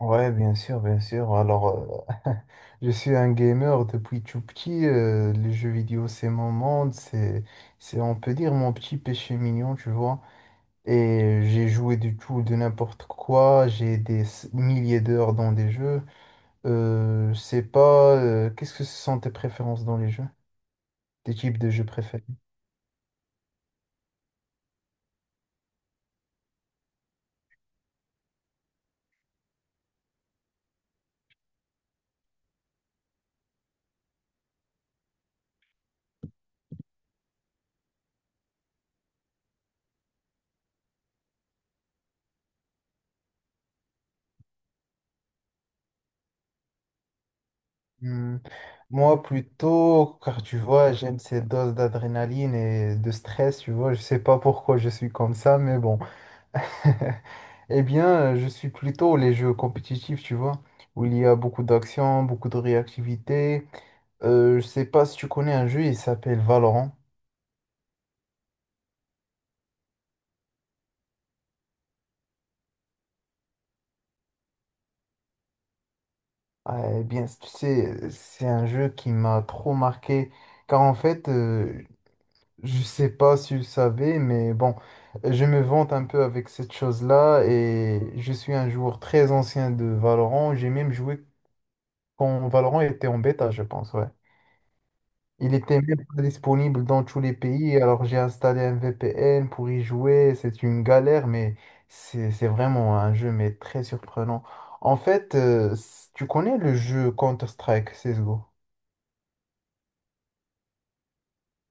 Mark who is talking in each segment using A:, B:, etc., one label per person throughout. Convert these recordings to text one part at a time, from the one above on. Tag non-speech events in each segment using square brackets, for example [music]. A: Ouais, bien sûr, bien sûr. Alors, [laughs] je suis un gamer depuis tout petit. Les jeux vidéo, c'est mon monde. On peut dire, mon petit péché mignon, tu vois. Et j'ai joué du tout, de n'importe quoi. J'ai des milliers d'heures dans des jeux. Je sais pas, qu'est-ce que ce sont tes préférences dans les jeux? Tes types de jeux préférés? Hmm, moi, plutôt, car tu vois, j'aime ces doses d'adrénaline et de stress, tu vois. Je sais pas pourquoi je suis comme ça, mais bon. [laughs] Eh bien, je suis plutôt les jeux compétitifs, tu vois, où il y a beaucoup d'action, beaucoup de réactivité. Je sais pas si tu connais un jeu, il s'appelle Valorant. Ah, eh bien, tu sais, c'est un jeu qui m'a trop marqué, car en fait, je sais pas si tu le savais, mais bon, je me vante un peu avec cette chose-là, et je suis un joueur très ancien de Valorant. J'ai même joué quand Valorant était en bêta, je pense, ouais. Il était même pas disponible dans tous les pays, alors j'ai installé un VPN pour y jouer. C'est une galère, mais c'est vraiment un jeu mais très surprenant. En fait, tu connais le jeu Counter-Strike CSGO?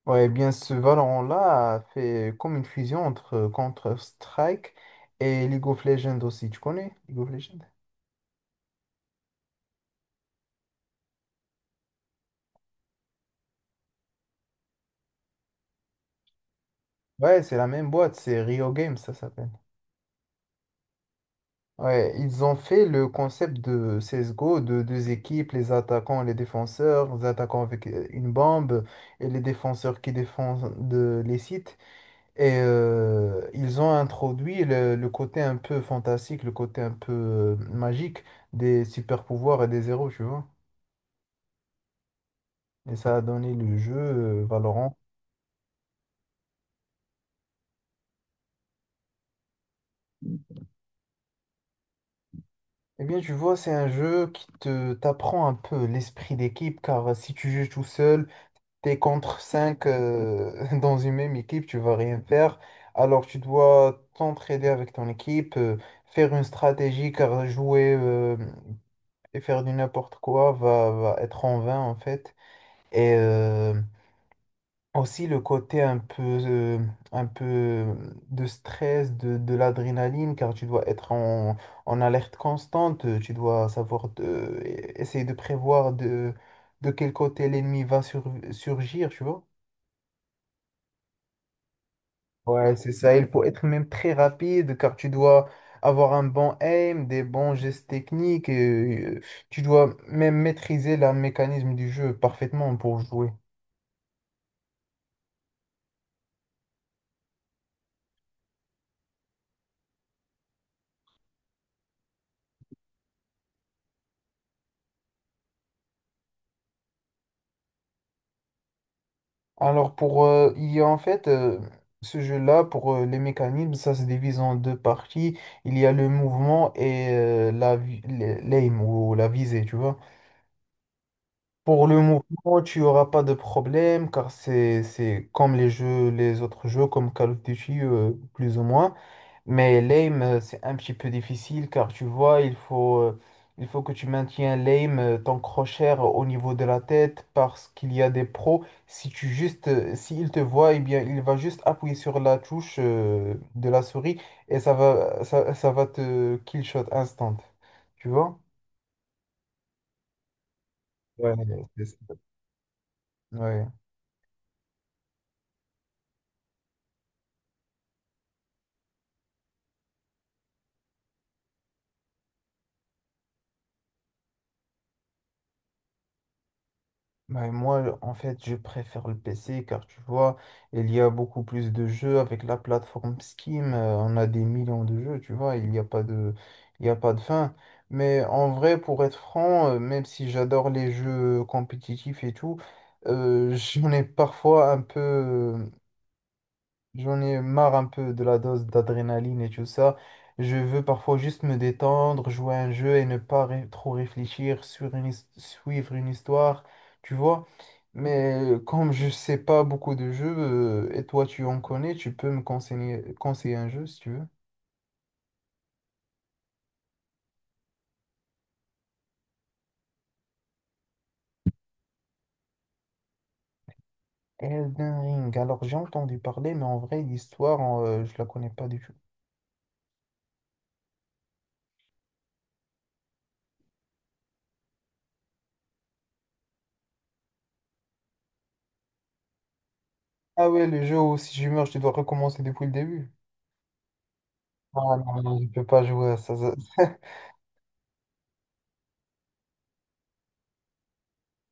A: Ouais, eh bien ce Valorant-là a fait comme une fusion entre Counter-Strike et League of Legends aussi. Tu connais League of Legends? Ouais, c'est la même boîte, c'est Rio Games, ça s'appelle. Ouais, ils ont fait le concept de CSGO, de deux équipes, les attaquants et les défenseurs, les attaquants avec une bombe et les défenseurs qui défendent les sites. Et ils ont introduit le côté un peu fantastique, le côté un peu magique des super pouvoirs et des héros, tu vois. Et ça a donné le jeu Valorant. Eh bien, tu vois, c'est un jeu qui te t'apprend un peu l'esprit d'équipe, car si tu joues tout seul, t'es contre 5 [laughs] dans une même équipe, tu vas rien faire. Alors tu dois t'entraider avec ton équipe, faire une stratégie, car jouer et faire du n'importe quoi va, va être en vain en fait. Et aussi le côté un peu de stress, de l'adrénaline, car tu dois être en, en alerte constante, tu dois savoir essayer de prévoir de quel côté l'ennemi va surgir, tu vois. Ouais, c'est ça. Il faut être même très rapide car tu dois avoir un bon aim, des bons gestes techniques. Et, tu dois même maîtriser le mécanisme du jeu parfaitement pour jouer. Alors pour il y a en fait ce jeu-là pour les mécanismes, ça se divise en deux parties. Il y a le mouvement et l'aim ou la visée, tu vois. Pour le mouvement, tu auras pas de problème car c'est comme les jeux, les autres jeux comme Call of Duty plus ou moins. Mais l'aim, c'est un petit peu difficile car tu vois, il faut que tu maintiens l'aim, ton crochet au niveau de la tête parce qu'il y a des pros. Si tu juste, s'il te voit, eh bien, il va juste appuyer sur la touche, de la souris et ça va, ça va te kill shot instant. Tu vois? Ouais, c'est ça. Ouais. Ouais, moi, en fait, je préfère le PC car tu vois, il y a beaucoup plus de jeux avec la plateforme Steam. On a des millions de jeux, tu vois, il n'y a pas de, il n'y a pas de fin. Mais en vrai, pour être franc, même si j'adore les jeux compétitifs et tout, [laughs] j'en ai parfois un peu, j'en ai marre un peu de la dose d'adrénaline et tout ça. Je veux parfois juste me détendre, jouer à un jeu et ne pas trop réfléchir sur suivre une histoire, tu vois. Mais comme je sais pas beaucoup de jeux, et toi tu en connais, tu peux me conseiller, conseiller un jeu si tu veux. Elden Ring. Alors j'ai entendu parler, mais en vrai, l'histoire, je la connais pas du tout. Ah ouais, le jeu où si je meurs, je dois recommencer depuis le début. Ah non, non, je peux pas jouer à ça. Ça- [laughs]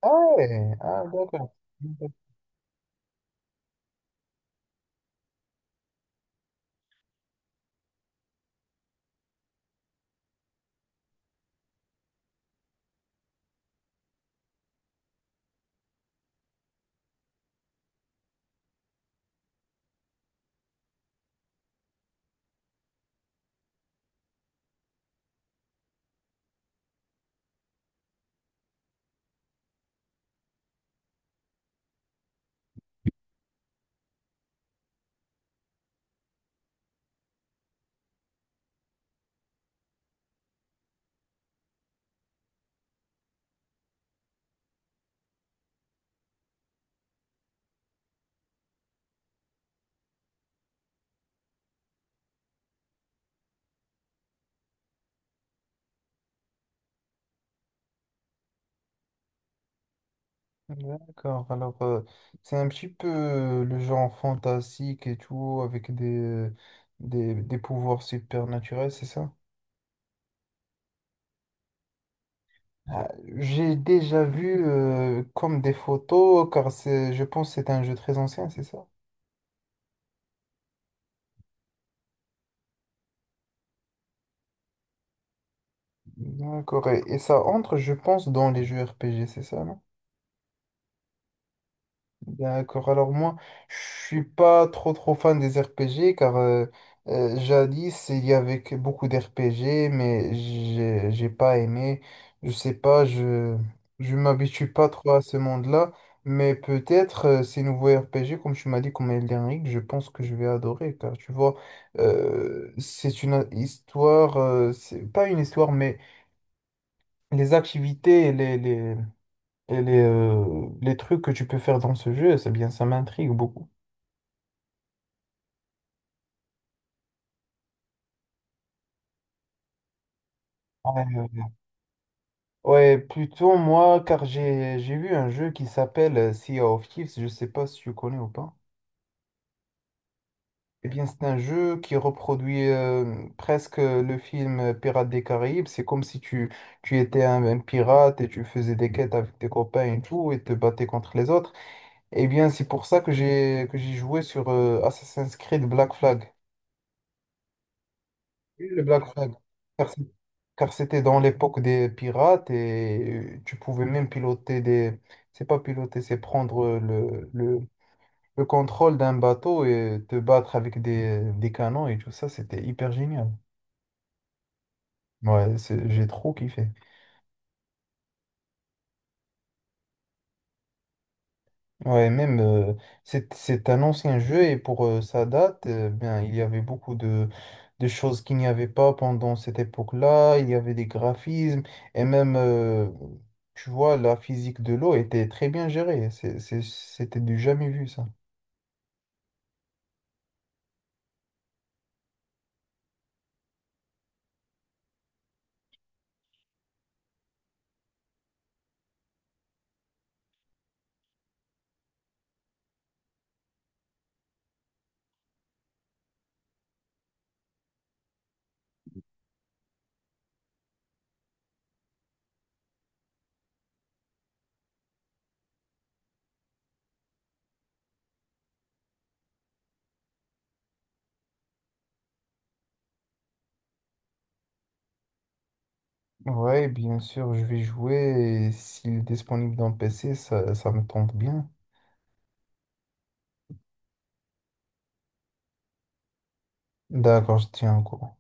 A: Ah ouais, ah d'accord. D'accord, alors c'est un petit peu le genre fantastique et tout, avec des pouvoirs supernaturels, c'est ça? Ah, j'ai déjà vu comme des photos, car c'est, je pense que c'est un jeu très ancien, c'est ça? D'accord. Et ça entre, je pense, dans les jeux RPG, c'est ça, non? D'accord, alors moi, je suis pas trop trop fan des RPG car jadis il y avait que beaucoup d'RPG mais j'ai pas aimé. Je sais pas, je m'habitue pas trop à ce monde-là, mais peut-être ces nouveaux RPG comme tu m'as dit comme Elden Ring, je pense que je vais adorer car tu vois c'est une histoire, c'est pas une histoire mais les activités et les trucs que tu peux faire dans ce jeu, c'est bien ça m'intrigue beaucoup. Ouais, ouais, ouais. Ouais, plutôt moi, car j'ai vu un jeu qui s'appelle Sea of Thieves, je sais pas si tu connais ou pas. Eh bien, c'est un jeu qui reproduit presque le film Pirates des Caraïbes. C'est comme si tu, tu étais un pirate et tu faisais des quêtes avec tes copains et tout, et te battais contre les autres. Eh bien, c'est pour ça que j'ai joué sur Assassin's Creed Black Flag. Oui, le Black Flag. Car c'est- Car c'était dans l'époque des pirates et tu pouvais même piloter des… C'est pas piloter, c'est prendre le contrôle d'un bateau et te battre avec des canons et tout ça. C'était hyper génial. Ouais, j'ai trop kiffé. Ouais, même c'est un ancien jeu et pour sa date, bien, il y avait beaucoup de choses qu'il n'y avait pas pendant cette époque-là. Il y avait des graphismes et même, tu vois, la physique de l'eau était très bien gérée. C'était du jamais vu, ça. Ouais, bien sûr, je vais jouer et s'il est disponible dans le PC, ça, ça me tente bien. D'accord, je tiens au courant.